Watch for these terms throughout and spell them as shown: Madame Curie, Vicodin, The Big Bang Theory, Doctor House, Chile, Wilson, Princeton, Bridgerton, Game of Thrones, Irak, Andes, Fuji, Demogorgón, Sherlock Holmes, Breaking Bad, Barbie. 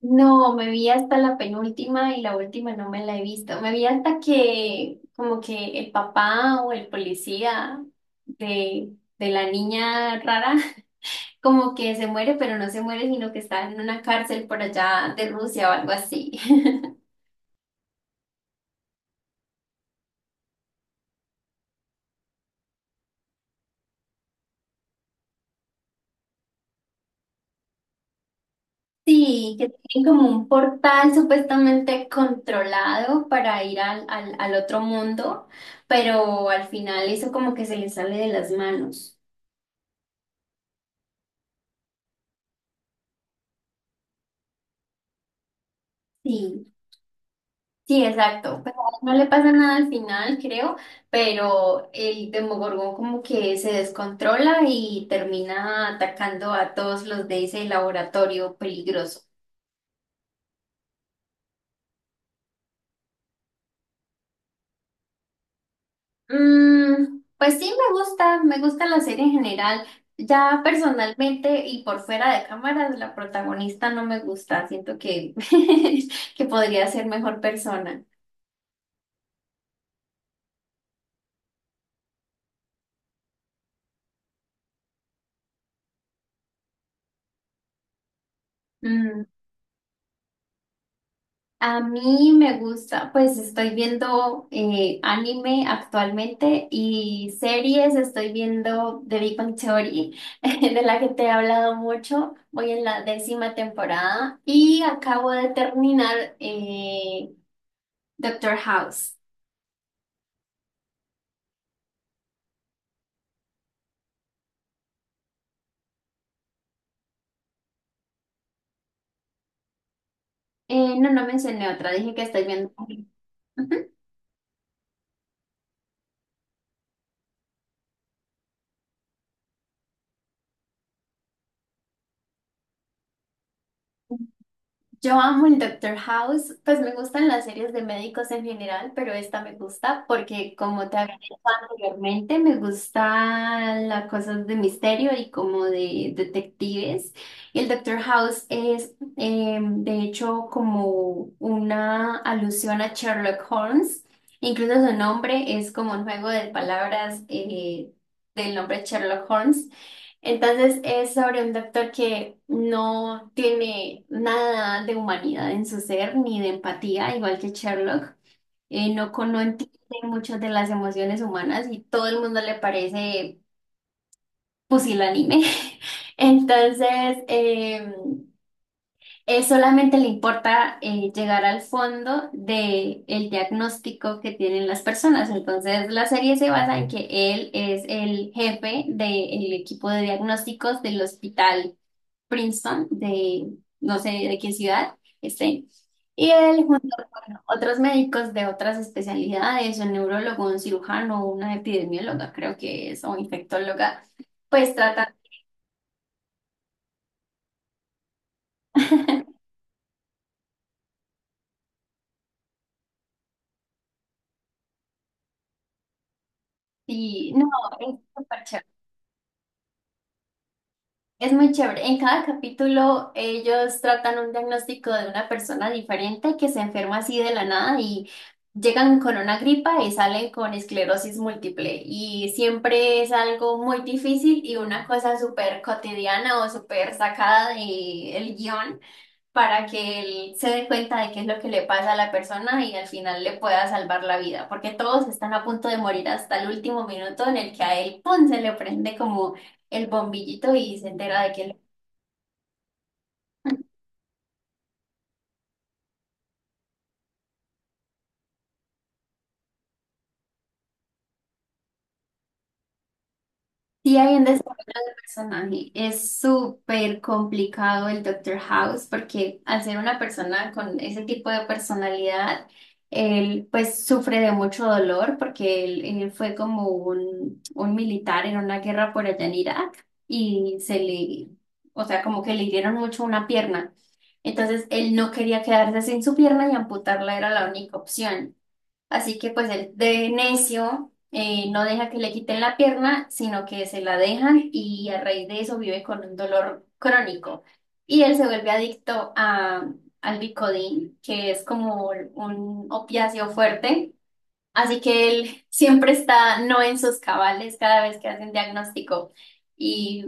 No, me vi hasta la penúltima y la última no me la he visto. Me vi hasta que como que el papá o el policía de la niña rara como que se muere, pero no se muere, sino que está en una cárcel por allá de Rusia o algo así. Sí, que tienen como un portal supuestamente controlado para ir al otro mundo, pero al final eso como que se les sale de las manos. Sí. Sí, exacto. Pues a él no le pasa nada al final, creo, pero el Demogorgón como que se descontrola y termina atacando a todos los de ese laboratorio peligroso. Mm, pues sí, me gusta la serie en general. Ya personalmente y por fuera de cámaras, la protagonista no me gusta. Siento que, que podría ser mejor persona. Mm. A mí me gusta, pues estoy viendo anime actualmente y series, estoy viendo The Big Bang Theory, de la que te he hablado mucho, voy en la 10.ª temporada y acabo de terminar Doctor House. No, no mencioné otra, dije que estoy viendo. Yo amo el Doctor House, pues me gustan las series de médicos en general, pero esta me gusta porque como te había dicho anteriormente, me gustan las cosas de misterio y como de detectives. Y el Doctor House es de hecho como una alusión a Sherlock Holmes, incluso su nombre es como un juego de palabras del nombre Sherlock Holmes. Entonces es sobre un doctor que no tiene nada de humanidad en su ser ni de empatía, igual que Sherlock. No, no entiende muchas de las emociones humanas y todo el mundo le parece pusilánime. Entonces él solamente le importa llegar al fondo del diagnóstico que tienen las personas. Entonces la serie se basa en que él es el jefe del equipo de diagnósticos del hospital Princeton, de no sé de qué ciudad, este, y él junto a otros médicos de otras especialidades, un neurólogo, un cirujano, una epidemióloga, creo que es, o infectóloga, pues tratan, y no, es súper. Es muy chévere. En cada capítulo ellos tratan un diagnóstico de una persona diferente que se enferma así de la nada y llegan con una gripa y salen con esclerosis múltiple. Y siempre es algo muy difícil y una cosa súper cotidiana o súper sacada del guión para que él se dé cuenta de qué es lo que le pasa a la persona y al final le pueda salvar la vida, porque todos están a punto de morir hasta el último minuto en el que a él, ¡pum!, se le prende como el bombillito y se entera de que sí hay un destino personaje. Es súper complicado el Doctor House porque al ser una persona con ese tipo de personalidad, él pues sufre de mucho dolor porque él fue como un militar en una guerra por allá en Irak y se le, o sea, como que le hirieron mucho una pierna. Entonces él no quería quedarse sin su pierna y amputarla era la única opción. Así que pues el de necio no deja que le quiten la pierna, sino que se la dejan y a raíz de eso vive con un dolor crónico. Y él se vuelve adicto al Vicodin, que es como un opiáceo fuerte. Así que él siempre está no en sus cabales cada vez que hacen diagnóstico y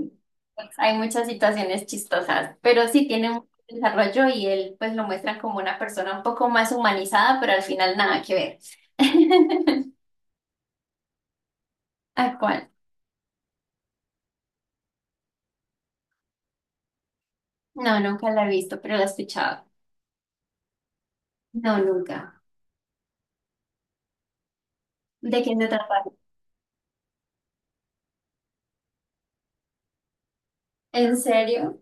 pues, hay muchas situaciones chistosas, pero sí tiene un desarrollo y él pues lo muestra como una persona un poco más humanizada, pero al final nada que ver. ¿A cuál? No, nunca la he visto, pero la he escuchado. No, nunca. ¿De quién se trata? ¿En serio?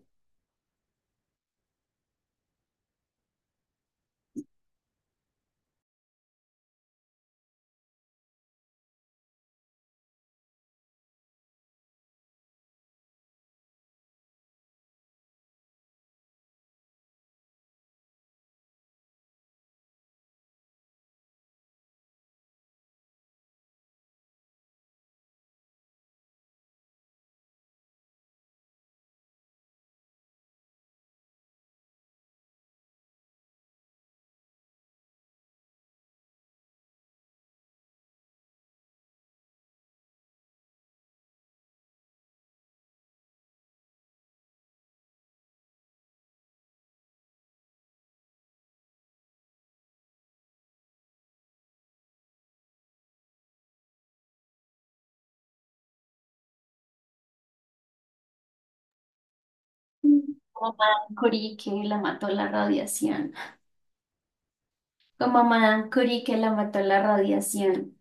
Como Madame Curie que la mató la radiación. Como Madame Curie que la mató la radiación.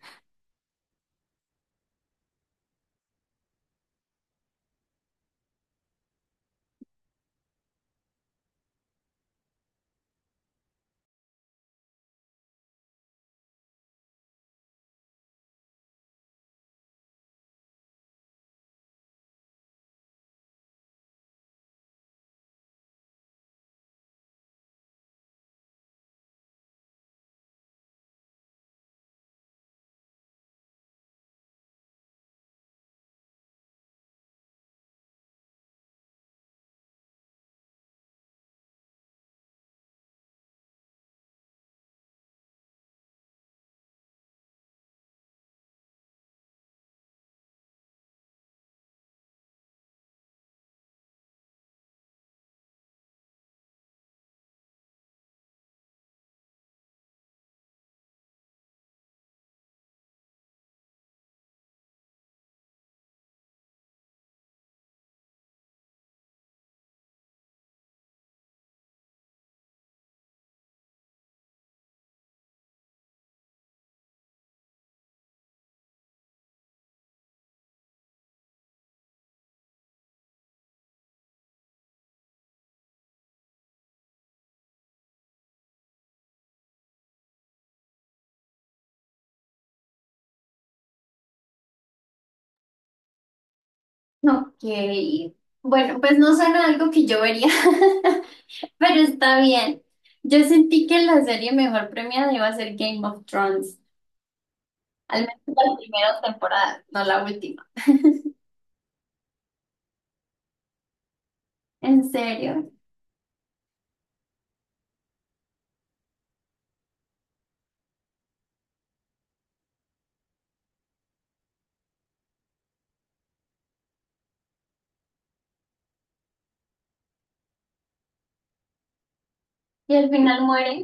Ok, bueno, pues no suena algo que yo vería, pero está bien. Yo sentí que la serie mejor premiada iba a ser Game of Thrones, al menos la primera temporada, no la última. ¿En serio? ¿Y al final muere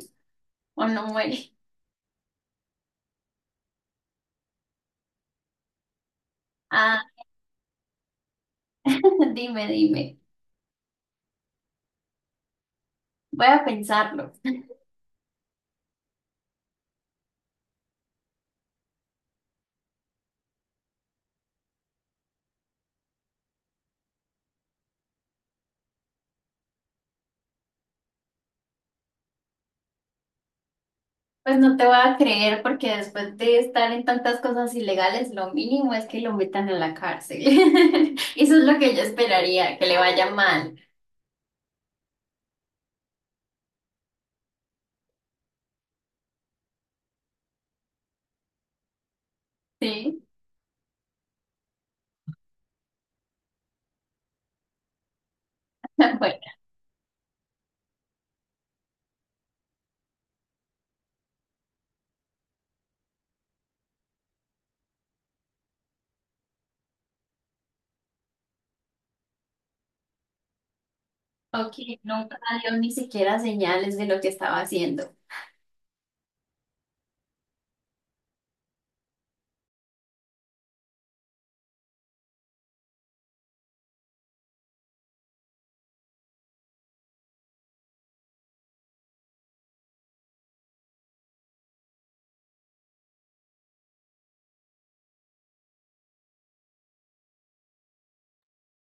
o no muere? Ah, dime, dime. Voy a pensarlo. Pues no te voy a creer porque después de estar en tantas cosas ilegales, lo mínimo es que lo metan en la cárcel. Eso es lo que yo esperaría, que le vaya mal. Sí, bueno. Ok, nunca dio ni siquiera señales de lo que estaba haciendo.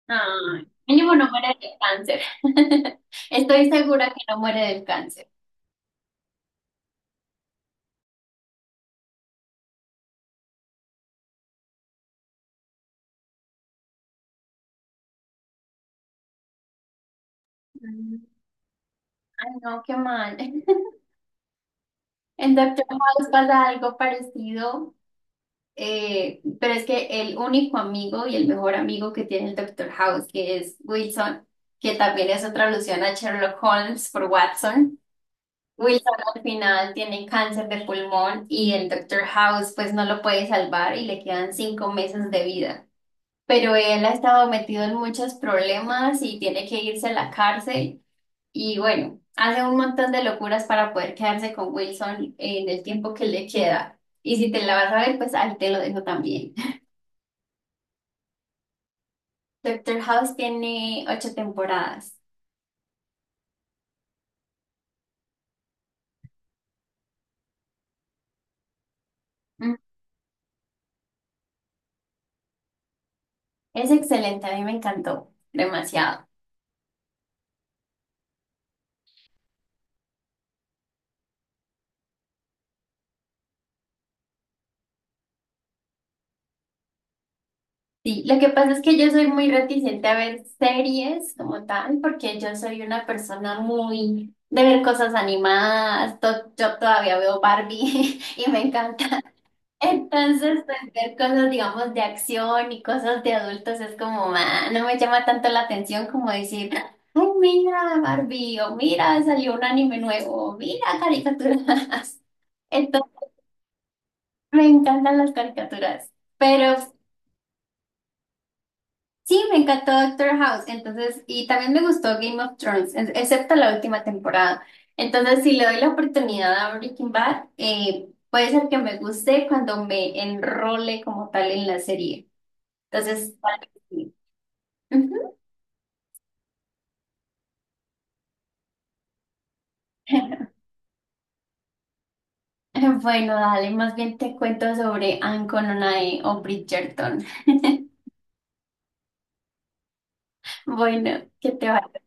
Ay, mínimo no muere del cáncer. Estoy segura que no muere del cáncer. Mm. Ay, no, qué mal. En Doctor House pasa algo parecido, pero es que el único amigo y el mejor amigo que tiene el Doctor House, que es Wilson, que también es otra alusión a Sherlock Holmes por Watson. Wilson al final tiene cáncer de pulmón y el Doctor House pues no lo puede salvar y le quedan 5 meses de vida. Pero él ha estado metido en muchos problemas y tiene que irse a la cárcel y bueno, hace un montón de locuras para poder quedarse con Wilson en el tiempo que le queda. Y si te la vas a ver, pues ahí te lo dejo también. Doctor House tiene 8 temporadas. Mm. Es excelente, a mí me encantó demasiado. Sí, lo que pasa es que yo soy muy reticente a ver series como tal, porque yo soy una persona muy de ver cosas animadas. Yo todavía veo Barbie y me encanta. Entonces, pues, ver cosas, digamos, de acción y cosas de adultos es como, ah, no me llama tanto la atención como decir, ay, mira Barbie, o mira, salió un anime nuevo, o mira caricaturas. Entonces, me encantan las caricaturas. Pero sí, me encantó Doctor House, entonces, y también me gustó Game of Thrones, excepto la última temporada. Entonces, si le doy la oportunidad a Breaking Bad, puede ser que me guste cuando me enrole como tal en la serie. Entonces, tal vez sí. Ujú. Bueno, dale, más bien te cuento sobre Anne Cononay o Bridgerton. Bueno, que te vaya.